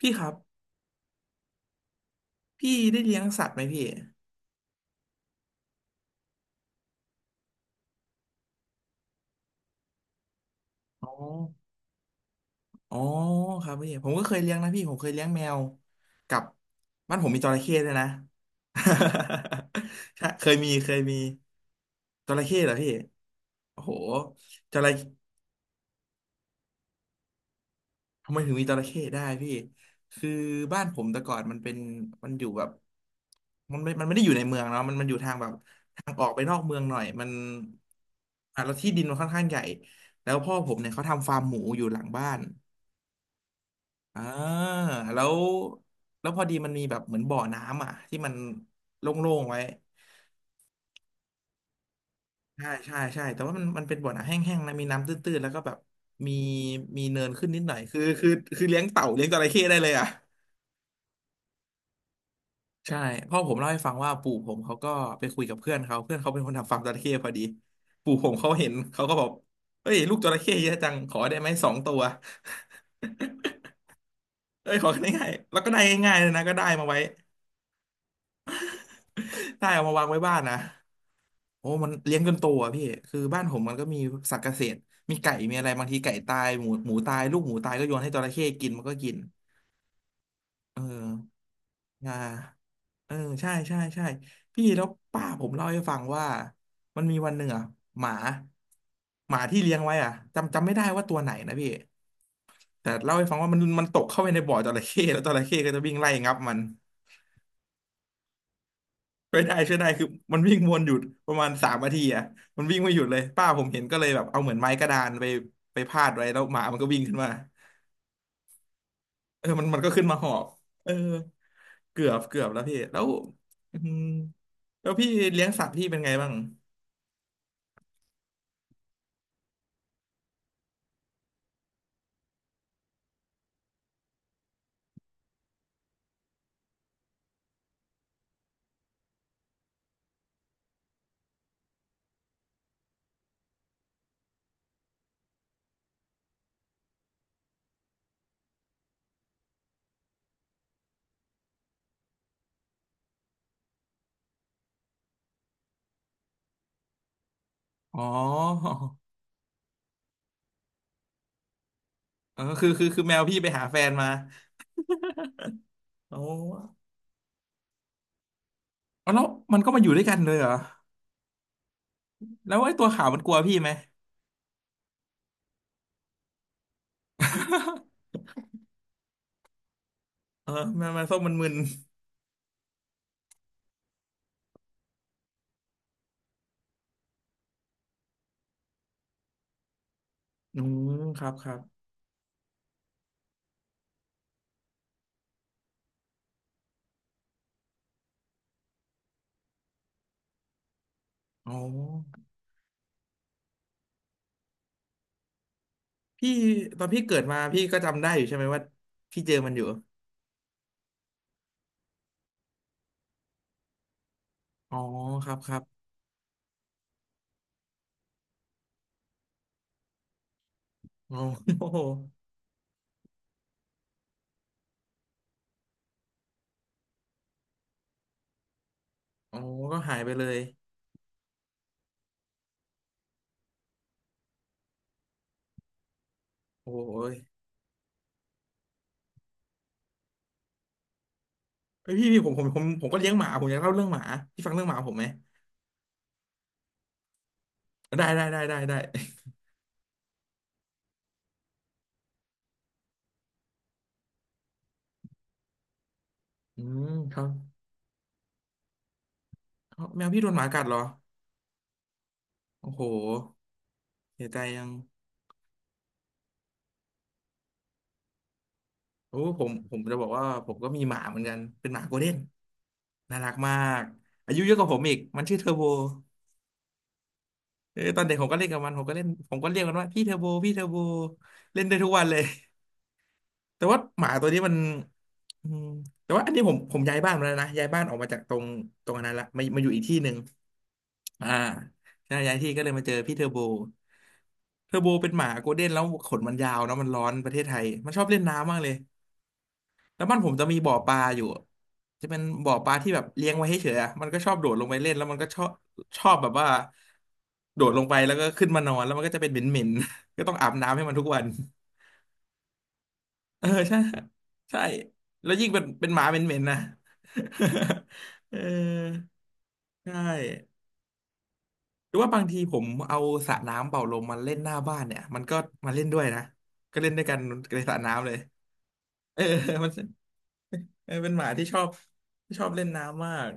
พี่ครับพี่ได้เลี้ยงสัตว์ไหมพี่อ๋ออ๋อครับพี่ผมก็เคยเลี้ยงนะพี่ผมเคยเลี้ยงแมวกับบ้านผมมีจระเข้ด้วยนะ ใช่เคยมีเคยมีจระเข้เหรอพี่โอ้โหจระเข้ทำไมถึงมีจระเข้ได้พี่คือบ้านผมแต่ก่อนมันเป็นมันอยู่แบบมันไม่ได้อยู่ในเมืองเนาะมันมันอยู่ทางแบบทางออกไปนอกเมืองหน่อยมันอ่ะแล้วที่ดินมันค่อนข้างใหญ่แล้วพ่อผมเนี่ยเขาทำฟาร์มหมูอยู่หลังบ้าน อ่าแล้วแล้วพอดีมันมีแบบเหมือนบ่อน้ำอ่ะที่มันโล่งๆไว้ใช่ใช่ใช่แต่ว่ามันมันเป็นบ่อน้ำแห้งๆนะมีน้ำตื้นๆแล้วก็แบบมีมีเนินขึ้นนิดหน่อยคือเลี้ยงเต่าเลี้ยงจระเข้ได้เลยอ่ะใช่พ่อผมเล่าให้ฟังว่าปู่ผมเขาก็ไปคุยกับเพื่อนเขาเพื่อนเขาเป็นคนทำฟาร์มจระเข้พอดีปู่ผมเขาเห็นเขาก็บอกเฮ้ยลูกจระเข้เยอะจังขอได้ไหมสองตัว เอ้ยขอได้ง่ายๆแล้วก็ได้ง่ายๆเลยนะก็ได้มาไว้ได้เอามาวางไว้บ้านนะ โอ้มันเลี้ยงจนโตอ่ะพี่คือบ้านผมมันก็มีสัตว์เกษตรมีไก่ มีอะไรบางทีไก่ตายหมูตายลูกหมูตายก็โยนให้จระเข้กินมันก็กินเอออ่าเออใช่ใช่ใช่พี่แล้วป้าผมเล่าให้ฟังว่ามันมีวันหนึ่งอ่ะหมาหมาที่เลี้ยงไว้อ่ะจำไม่ได้ว่าตัวไหนนะพี่แต่เล่าให้ฟังว่ามันมันตกเข้าไปในบ่อจระเข้แล้วจระเข้ก็จะวิ่งไล่งับมัน ช่วยได้ช่วยได้คือมันวิ่งวนหยุดประมาณสามนาทีอ่ะมันวิ่งไม่หยุดเลยป้าผมเห็นก็เลยแบบเอาเหมือนไม้กระดานไปไปพาดไว้แล้วหมามันก็วิ่งขึ้นมาเออมันมันก็ขึ้นมาหอบเออเกือบแล้วพี่แล้วอืมแล้วพี่เลี้ยงสัตว์พี่เป็นไงบ้างอ๋อ เออคือแมวพี่ไปหาแฟนมาโอ้เอาแล้วมันก็มาอยู่ด้วยกันเลยเหรอแล้วไอ้ตัวขาวมันกลัวพี่ไหม เออแมวส้มมันมึนอืมครับครับอ๋อ พี่ตอนพี่เกิดมาพี่ก็จำได้อยู่ใช่ไหมว่าพี่เจอมันอยู่อ๋อครับครับอ๋อโอ้โหอ๋อก็หายไปเลยโอ้ยเอ้ยพี่พี่ผมก็เลี้ยงหมาผมอยากเล่าเรื่องหมาพี่ฟังเรื่องหมาผมไหมได้อืมครับเอาแมวพี่โดนหมากัดเหรอโอ้โหเสียใจยังโอ้ผมจะบอกว่าผมก็มีหมาเหมือนกันเป็นหมาโกลเด้นน่ารักมากอายุเยอะกว่าผมอีกมันชื่อเทอร์โบเออตอนเด็กผมก็เล่นกับมันผมก็เล่นผมก็เรียกมันว่าพี่เทอร์โบพี่เทอร์โบเล่นได้ทุกวันเลย แต่ว่าหมาตัวนี้มันอืมแต่ว่าอันนี้ผมย้ายบ้านมาแล้วนะย้ายบ้านออกมาจากตรงอันนั้นละมามาอยู่อีกที่หนึ่งอ่าใช่ย้ายที่ก็เลยมาเจอพี่เทอร์โบเทอร์โบเป็นหมาโกลเด้นแล้วขนมันยาวเนาะมันร้อนประเทศไทยมันชอบเล่นน้ำมากเลยแล้วบ้านผมจะมีบ่อปลาอยู่จะเป็นบ่อปลาที่แบบเลี้ยงไว้ให้เฉยอะมันก็ชอบโดดลงไปเล่นแล้วมันก็ชอบชอบแบบว่าโดดลงไปแล้วก็ขึ้นมานอนแล้วมันก็จะเป็นเหม็นๆ ก็ต้องอาบน้ำให้มันทุกวัน เออใช่ใช่แล้วยิ่งเป็นหมาเหม็นๆนะ เออใช่หรือว่าบางทีผมเอาสระน้ำเป่าลมมาเล่นหน้าบ้านเนี่ยมันก็มาเล่นด้วยนะก็เล่นด้วยกันในสระน้ำเลยเออ มันเออเป็นหมาที่ชอบที่ชอบเล่นน้ำมาก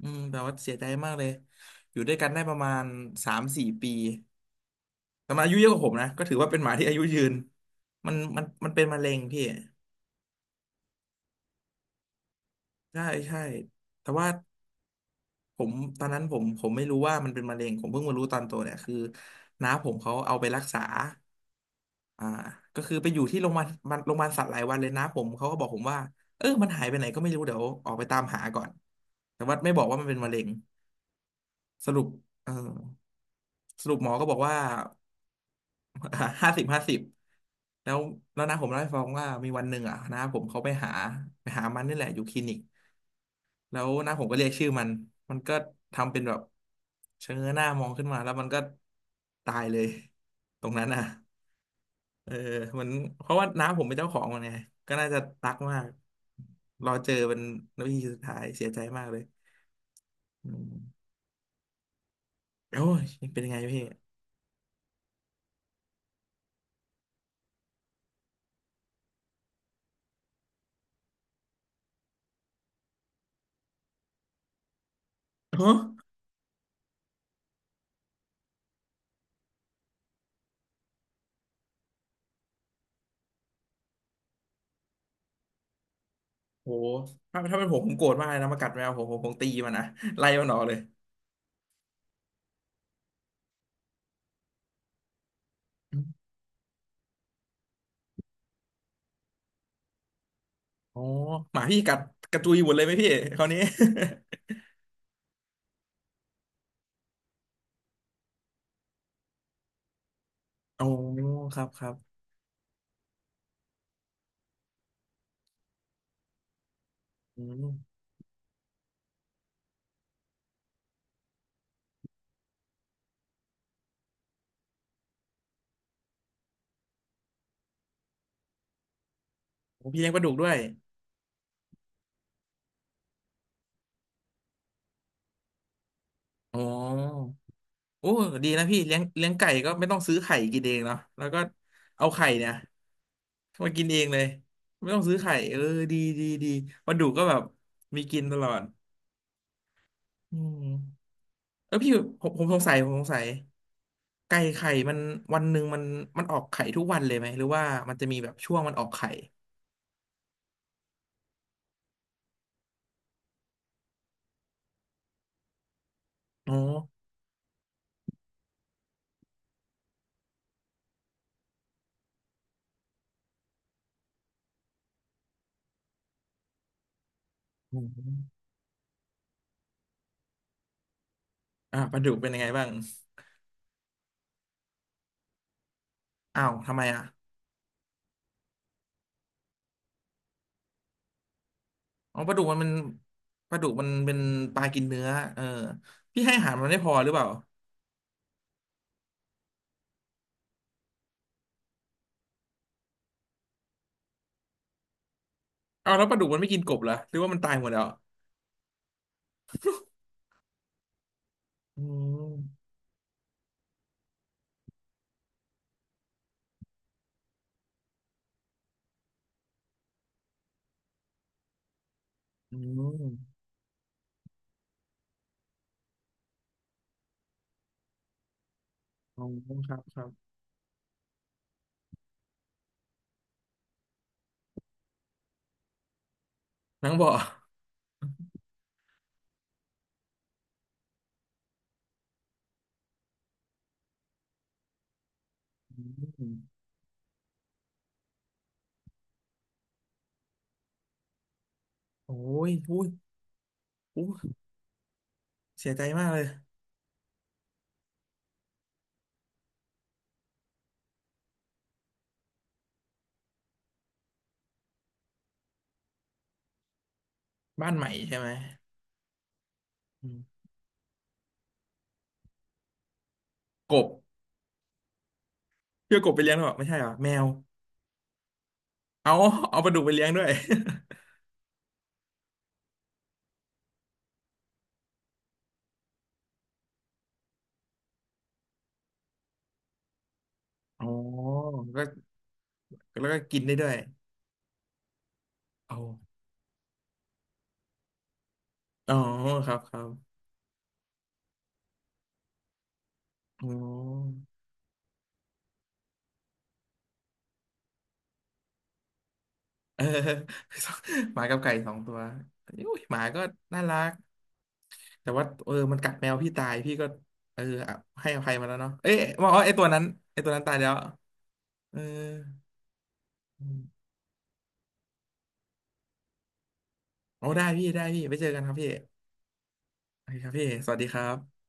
อืมแต่ว่าเสียใจมากเลยอยู่ด้วยกันได้ประมาณสามสี่ปีแต่มันอายุเยอะกว่าผมนะก็ถือว่าเป็นหมาที่อายุยืนมันเป็นมะเร็งพี่ใช่ใช่แต่ว่า ผมตอนนั้นผมไม่รู้ว่ามันเป็นมะเร็งผมเพิ่งมารู้ตอนโตเนี่ยคือน้าผมเขาเอาไปรักษาอ่าก็คือไปอยู่ที่โรงพยาบาลมันโรงพยาบาลสัตว์หลายวันเลยน้าผมเขาก็บอกผมว่าเออมันหายไปไหนก็ไม่รู้เดี๋ยวออกไปตามหาก่อนแต่ว่าไม่บอกว่ามันเป็นมะเร็งสรุปเออสรุปหมอก็บอกว่า ห้าสิบห้าสิบแล้วน้าผมเล่าให้ฟังว่ามีวันหนึ่งอ่ะน้าผมเขาไปหามันนี่แหละอยู่คลินิก แล้วน้าผมก็เรียกชื่อมัน มันก็ทำเป็นแบบเชงเง้อหน้ามองขึ้นมาแล้วมันก็ตายเลยตรงนั้นน่ะเออมันเพราะว่าน้าผมเป็นเจ้าของมันไงก็น่าจะรักมากรอเจอเป็นวิธีสุดท้ายเสียใจมากเลยอืมโอ้ยเป็นยังไงพี่ฮะโหถ้าเป็นผมโกรธมากเลยนะมากัดแมวผมผมตีมันนะไล่มันออกเลยอมอ๋อหมาพี่กัดกระจุยหมดเลยไหมพี่คราวนี้ โอ้ครับครับอืมโอ้พี่เลี้ยงปลาดุกด้วย อ๋อโอ้ดีนะพี่เลี้ยงไก่ก็ไม่ต้องซื้อไข่กินเองเนาะแล้วก็เอาไข่เนี่ยมากินเองเลยไม่ต้องซื้อไข่เออดีดีดีปลาดุกก็แบบมีกินตลอดอืมเออพี่ผมสงสัยไก่ไข่มันวันหนึ่งมันออกไข่ทุกวันเลยไหมหรือว่ามันจะมีแบบช่วงมันออกไข่อ๋ออืมอ่าปลาดุกเป็นยังไงบ้างอ้าวทำไมอ่ะ อ๋อปลาดุกมันเป็นปลาดุกมันเป็นปลากินเนื้อเออพี่ให้อาหารมันไม่พอหรือเปล่าเอาแล้วปลาดุกมันไม่กินกบเหรอหรือว่ามันตายหมดแล้วอืมอืมอ๋อครับครับนังบ่ออืมโอ้ยอุ้ยอุ้ยเสียใจมากเลยบ้านใหม่ใช่ไหมอืมกบเพื่อกบไปเลี้ยงหรอเปล่าไม่ใช่หรอแมวเอาเอาปลาดุกไปเลี้ยงด้วย อ๋อก็แล้วก็กินได้ด้วยเอาอ๋อครับครับอ๋อ เออ หมากับไก่สองตัวอุ้ยหมาก็น่ารักแต่ว่าเออมันกัดแมวพี่ตายพี่ก็เอออ่ะให้อภัยมาแล้วเนาะเอ๊ะว่าอ๋อไอตัวนั้นตายแล้วเอออืมโอ้ได้พี่ได้พี่ไปเจอกันครับพี่โอเคครับพี่สวัสดีครับ